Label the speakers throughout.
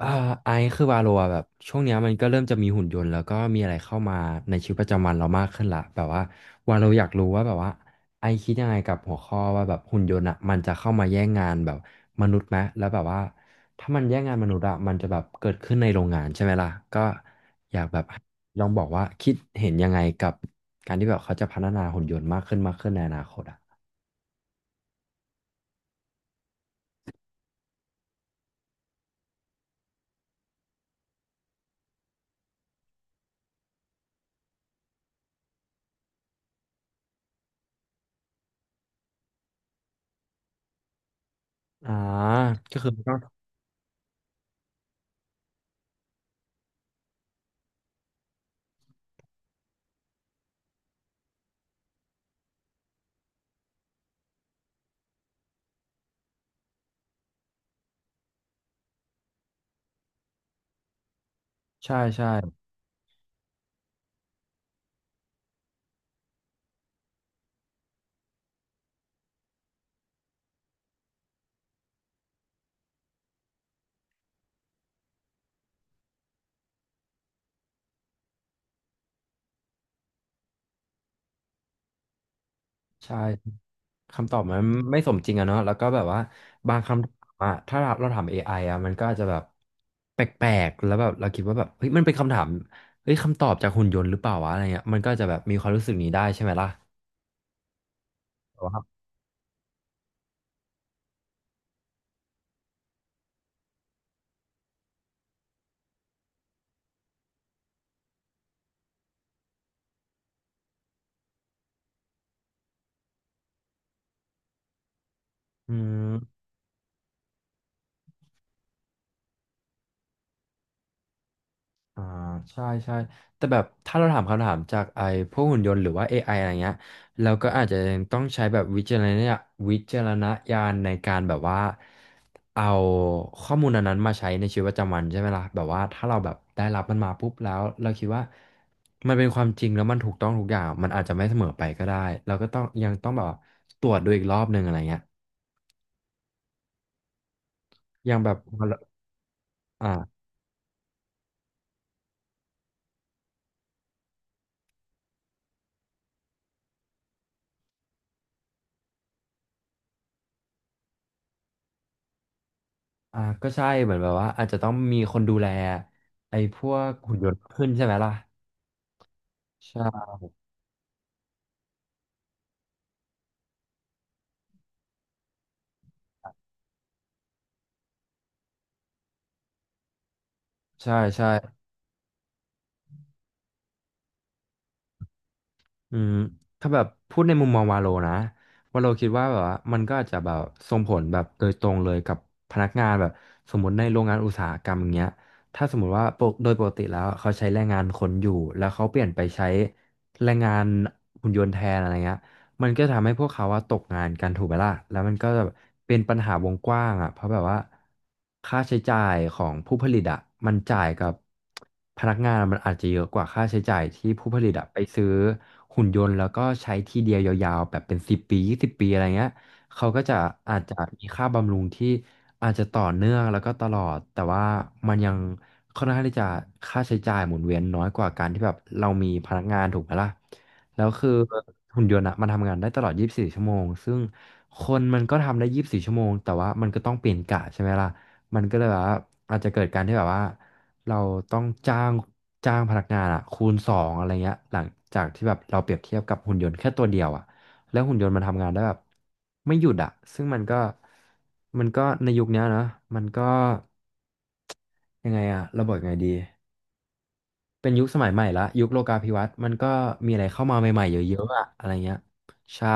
Speaker 1: อ่าไอซ์คือวาโลอะแบบช่วงเนี้ยมันก็เริ่มจะมีหุ่นยนต์แล้วก็มีอะไรเข้ามาในชีวิตประจำวันเรามากขึ้นละแบบว่าวาโลอยากรู้ว่าแบบว่าไอซ์คิดยังไงกับหัวข้อว่าแบบหุ่นยนต์อะมันจะเข้ามาแย่งงานแบบมนุษย์ไหมแล้วแบบว่าถ้ามันแย่งงานมนุษย์อะมันจะแบบเกิดขึ้นในโรงงานใช่ไหมล่ะก็อยากแบบลองบอกว่าคิดเห็นยังไงกับการที่แบบเขาจะพัฒนาหุ่นยนต์มากขึ้นมากขึ้นในอนาคตอะอ่าก็คือมันต้องใช่ใช่ใช่ คำตอบมันไม่สมจริงอะเนาะแล้วก็แบบว่าบางคำถามอะถ้าเราถาม AI อไออะมันก็อาจจะแบบแปลกๆแล้วแบบเราคิดว่าแบบเฮ้ยมันเป็นคำถามเฮ้ยคำตอบจากหุ่นยนต์หรือเปล่าวะอะไรเงี้ยมันก็จะแบบมีความรู้สึกนี้ได้ใช่ไหมล่ะแต่ว่าอืม อ่าใช่ใช่แต่แบบถ้าเราถามคำถามจากไอ้พวกหุ่นยนต์หรือว่า AI อไออะไรเงี้ยเราก็อาจจะยังต้องใช้แบบวิจารณญาณในการแบบว่าเอาข้อมูลอันนั้นมาใช้ในชีวิตประจำวันใช่ไหมล่ะแบบว่าถ้าเราแบบได้รับมันมาปุ๊บแล้วเราคิดว่ามันเป็นความจริงแล้วมันถูกต้องทุกอย่างมันอาจจะไม่เสมอไปก็ได้เราก็ต้องยังต้องแบบตรวจดูอีกรอบหนึ่งอะไรเงี้ยยังแบบอ่า อ่าก็ใช่เหมือนแบบว่าอาจจะต้องมีคนดูแลไอ้พวกหุ่นยนต์ขึ้นใช่ไหมล่ะใช่ใช่ใช่อืมถ้าแบบพูดในมุมมองวาโลนะวาโลคิดว่าแบบว่ามันก็อาจจะแบบส่งผลแบบโดยตรงเลยกับพนักงานแบบสมมติในโรงงานอุตสาหกรรมอย่างเงี้ยถ้าสมมติว่าโดยปกติแล้วเขาใช้แรงงานคนอยู่แล้วเขาเปลี่ยนไปใช้แรงงานหุ่นยนต์แทนอะไรเงี้ย มันก็ทำให้พวกเขาอะตกงานกันถูกไหมล่ะแล้วมันก็เป็นปัญหาวงกว้างอะเพราะแบบว่าค่าใช้จ่ายของผู้ผลิตอะมันจ่ายกับพนักงานมันอาจจะเยอะกว่าค่าใช้จ่ายที่ผู้ผลิตอะไปซื้อหุ่นยนต์แล้วก็ใช้ทีเดียวยาวๆแบบเป็นสิบปียี่สิบปีอะไรเงี้ยเขาก็จะอาจจะมีค่าบำรุงที่อาจจะต่อเนื่องแล้วก็ตลอดแต่ว่ามันยังค่อนข้างที่จะค่าใช้จ่ายหมุนเวียนน้อยกว่าการที่แบบเรามีพนักงานถูกไหมล่ะ แล้วคือหุ่นยนต์อะมันทำงานได้ตลอด 24ชั่วโมงซึ่งคนมันก็ทำได้24ชั่วโมงแต่ว่ามันก็ต้องเปลี่ยนกะใช่ไหมล่ะมันก็เลยแบบว่าอาจจะเกิดการที่แบบว่าเราต้องจ้างพนักงานอะคูณสองอะไรเงี้ยหลังจากที่แบบเราเปรียบเทียบกับหุ่นยนต์แค่ตัวเดียวอะแล้วหุ่นยนต์มันทำงานได้แบบไม่หยุดอะซึ่งมันก็ในยุคเนี้ยนะมันก็ยังไงอะเราบอกยังไงดี เป็นยุคสมัยใหม่ละยุคโลกาภิวัตน์มันก็มีอะไรเข้ามาใหม่ๆเยอะๆอะอะไรเงี้ยใช่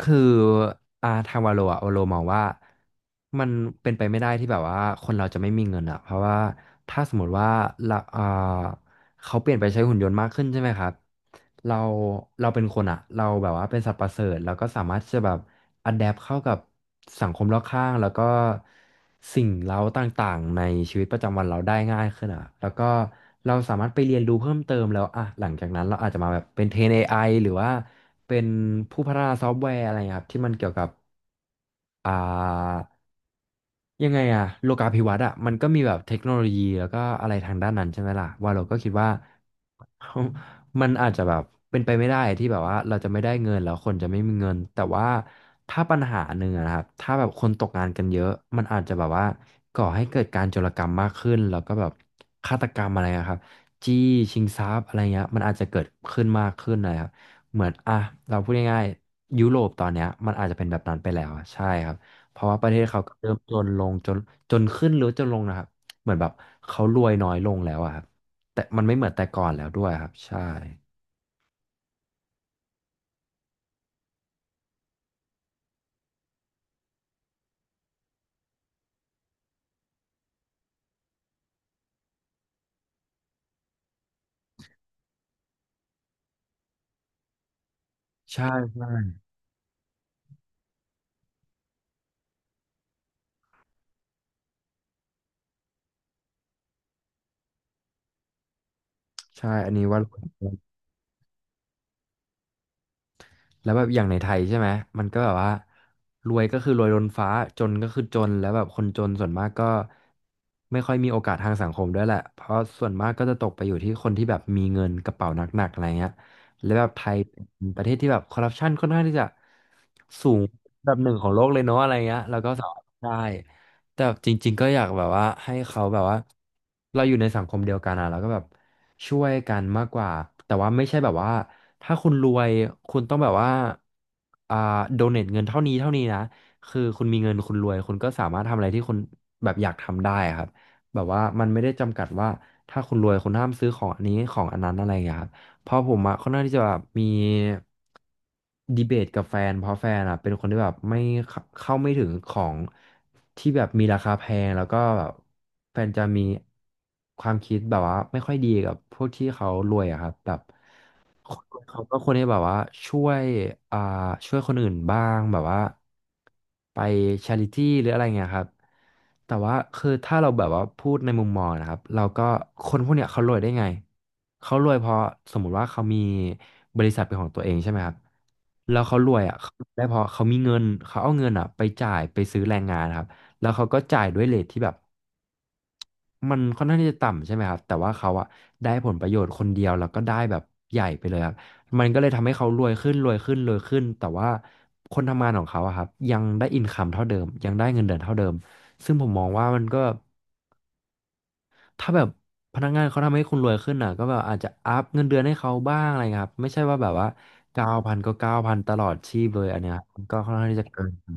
Speaker 1: คืออาทางวาโลอะวาโลมองว่ามันเป็นไปไม่ได้ที่แบบว่าคนเราจะไม่มีเงินอะเพราะว่าถ้าสมมติว่าละอ่า เขาเปลี่ยนไปใช้หุ่นยนต์มากขึ้นใช่ไหมครับ เรา เราเป็นคนอะ เราแบบว่าเป็นสัตว์ประเสริฐแล้วก็สามารถที่จะแบบอัดแอปเข้ากับสังคมรอบข้างแล้วก็สิ่งเร้าต่างๆในชีวิตประจำวันเราได้ง่ายขึ้นอะแล้วก็เราสามารถไปเรียนรู้เพิ่มเติมแล้วอะหลังจากนั้นเราอาจจะมาแบบเป็นเทรนเอไ i หรือว่าเป็นผู้พัฒนาซอฟต์แวร์อะไรอย่างเงี้ยครับที่มันเกี่ยวกับอ่า ยังไงอะโลกาภิวัตน์อะมันก็มีแบบเทคโนโลยีแล้วก็อะไรทางด้านนั้นใช่ไหมล่ะว่าเราก็คิดว่า มันอาจจะแบบเป็นไปไม่ได้ที่แบบว่าเราจะไม่ได้เงินแล้วคนจะไม่มีเงินแต่ว่าถ้าปัญหาหนึ่งอะนะครับถ้าแบบคนตกงานกันเยอะมันอาจจะแบบว่าก่อให้เกิดการโจรกรรมมากขึ้นแล้วก็แบบฆาตกรรมอะไรอะครับจี้ชิงทรัพย์อะไรเงี้ยมันอาจจะเกิดขึ้นมากขึ้นนะครับเหมือนอ่ะเราพูดง่ายๆยุโรปตอนเนี้ยมันอาจจะเป็นแบบนั้นไปแล้วอะใช่ครับ เพราะว่าประเทศเขาก็เริ่มจนลงจนจนขึ้นหรือจนลงนะครับเหมือนแบบเขารวยน้อยลงแล้วอะครับแต่มันไม่เหมือนแต่ก่อนแล้วด้วยครับใช่ใช่ใช่ใช่อันนี้ว่า แล้วแบบอย่างในไทยใช่ไหมมันก็แบบว่ารวยก็คือรวยล้นฟ้าจนก็คือจนแล้วแบบคนจนส่วนมากก็ไม่ค่อยมีโอกาสทางสังคมด้วยแหละเพราะส่วนมากก็จะตกไปอยู่ที่คนที่แบบมีเงินกระเป๋าหนักๆอะไรเงี้ยแล้วแบบไทยเป็นประเทศที่แบบคอร์รัปชันค่อนข้างที่จะสูงอันดับหนึ่งของโลกเลยเนาะอะไรเงี้ยแล้วก็สอบได้แต่แบบจริงๆก็อยากแบบว่าให้เขาแบบว่าเราอยู่ในสังคมเดียวกันอะแล้วก็แบบ ช่วยกันมากกว่าแต่ว่าไม่ใช่แบบว่าถ้าคุณรวยคุณต้องแบบว่าอ่าโดเนทเงินเท่านี้เท่านี้นะคือคุณมีเงินคุณรวยคุณก็สามารถทำอะไรที่คุณแบบอยากทำได้ครับแบบว่ามันไม่ได้จำกัดว่าถ้าคุณรวยคุณห้ามซื้อของอันนี้ของอันนั้นอะไรอย่างเงี้ยครับ เพราะผมอะค่อนข้างที่จะแบบมีดีเบตกับแฟนเพราะแฟนอะเป็นคนที่แบบไม่เข้าไม่ถึงของที่แบบมีราคาแพงแล้วก็แบบแฟนจะมีความคิดแบบว่าไม่ค่อยดีกับพวกที่เขารวยอะครับแบบ เขาก็คนที่แบบว่าช่วยอ่าช่วยคนอื่นบ้างแบบว่าไปชาริตี้หรืออะไรเงี้ยครับแต่ว่าคือถ้าเราแบบว่าพูดในมุมมองนะครับเราก็คนพวกเนี้ยเขารวยได้ไงเขารวยเพราะสมมุติว่าเขามีบริษัทเป็นของตัวเองใช่ไหมครับแล้วเขารวยอ่ะเขาได้เพราะเขามีเงินเขาเอาเงินอ่ะไปจ่ายไปซื้อแรงงานครับแล้วเขาก็จ่ายด้วยเรทที่แบบ มันค่อนข้างที่จะต่ำใช่ไหมครับ แต่ว่าเขาอะได้ผลประโยชน์คนเดียวแล้วก็ได้แบบใหญ่ไปเลยครับ มันก็เลยทำให้เขารวยขึ้นรวยขึ้นรวยขึ้นแต่ว่าคนทำงานของเขาอะครับยังได้อินคัมเท่าเดิมยังได้เงินเดือนเท่าเดิมซึ่งผมมองว่ามันก็ถ้าแบบพนักงานเขาทำให้คุณรวยขึ้นอ่ะก็แบบอาจจะอัพเงินเดือนให้เขาบ้างอะไรเงี้ยครับไม่ใช่ว่าแบบว่าเก้าพันก็เก้าพันตลอดชีพเลยอันเนี้ยครับมันก็ค่อนข้างที่จะเกิน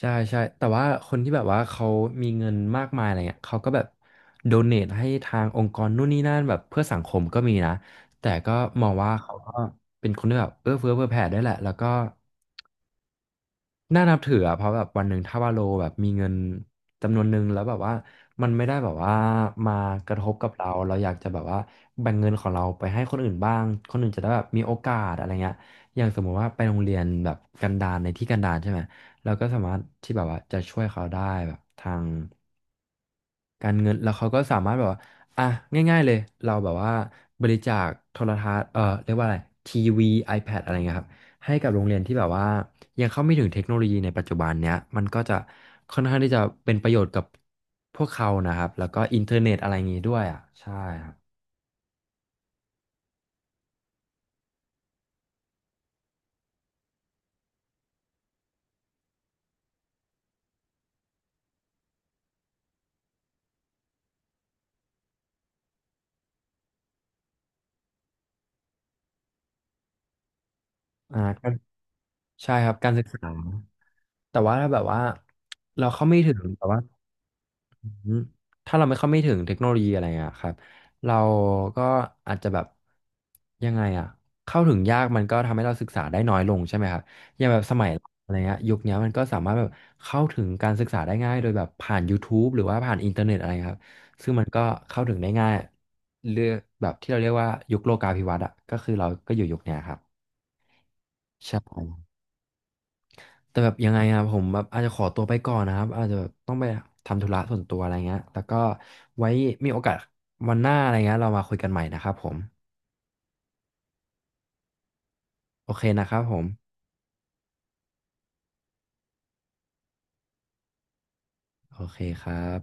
Speaker 1: ใช่ใช่แต่ว่าคนที่แบบว่าเขามีเงินมากมายอะไรเงี้ยเขาก็แบบโดเนทให้ทางองค์กรนู่นนี่นั่นแบบเพื่อสังคมก็มีนะแต่ก็มองว่าเขาก็เป็นคนที่แบบเอื้อเฟื้อเผื่อแผ่ได้วยแหละแล้วก็ น่านับถืออะเพราะแบบวันหนึ่งถ้าวาโลแบบมีเงินจำนวนหนึ่งแล้วแบบว่ามันไม่ได้แบบว่ามากระทบกับเราเราอยากจะแบบว่าแบ่งเงินของเราไปให้คนอื่นบ้างคนอื่นจะได้แบบมีโอกาสอะไรเงี้ยอย่างสมมุติว่าไปโรงเรียนแบบกันดารในที่กันดารใช่ไหมเราก็สามารถที่แบบว่าจะช่วยเขาได้แบบทาง การเงินแล้วเขาก็สามารถแบบว่าอ่ะง่ายๆเลยเราแบบว่าบริจาคโทรทัศน์เรียกว่าอะไรทีวี iPad อะไรเงี้ยครับให้กับโรงเรียนที่แบบว่ายังเข้าไม่ถึงเทคโนโลยีในปัจจุบันเนี้ยมันก็จะค่อนข้างที่จะเป็นประโยชน์กับพวกเขานะครับแล้วก็อินเทอร์เน็ตอะไรอย่างงี้ด้วยอ่ะใช่ครับอ่าก็ใช่ครับการศึกษาแต่ว่าถ้าแบบว่าเราเข้าไม่ถึงแบบว่า อืมถ้าเราไม่เข้าไม่ถึงเทคโนโลยีอะไรอ่ะครับเราก็อาจจะแบบยังไงอ่ะเข้าถึงยากมันก็ทำให้เราศึกษาได้น้อยลงใช่ไหมครับอย่างแบบสมัยอะไรเงี้ยยุคเนี้ยมันก็สามารถแบบเข้าถึงการศึกษาได้ง่ายโดยแบบผ่าน YouTube หรือว่าผ่านอินเทอร์เน็ตอะไรครับซึ่งมันก็เข้าถึงได้ง่ายเลือกแบบที่เราเรียกว่ายุคโลกาภิวัตน์อ่ะก็คือเราก็อยู่ยุคเนี้ยครับใช่ แต่แบบยังไงอะผมแบบอาจจะขอตัวไปก่อนนะครับอาจจะแบบต้องไปทำธุระส่วนตัวอะไรเงี้ยแล้วก็ไว้มีโอกาสวันหน้าอะไรเงี้ยเรามาคุยกันใหม่นะครับผมโอเคนะครับผมโอเคครับ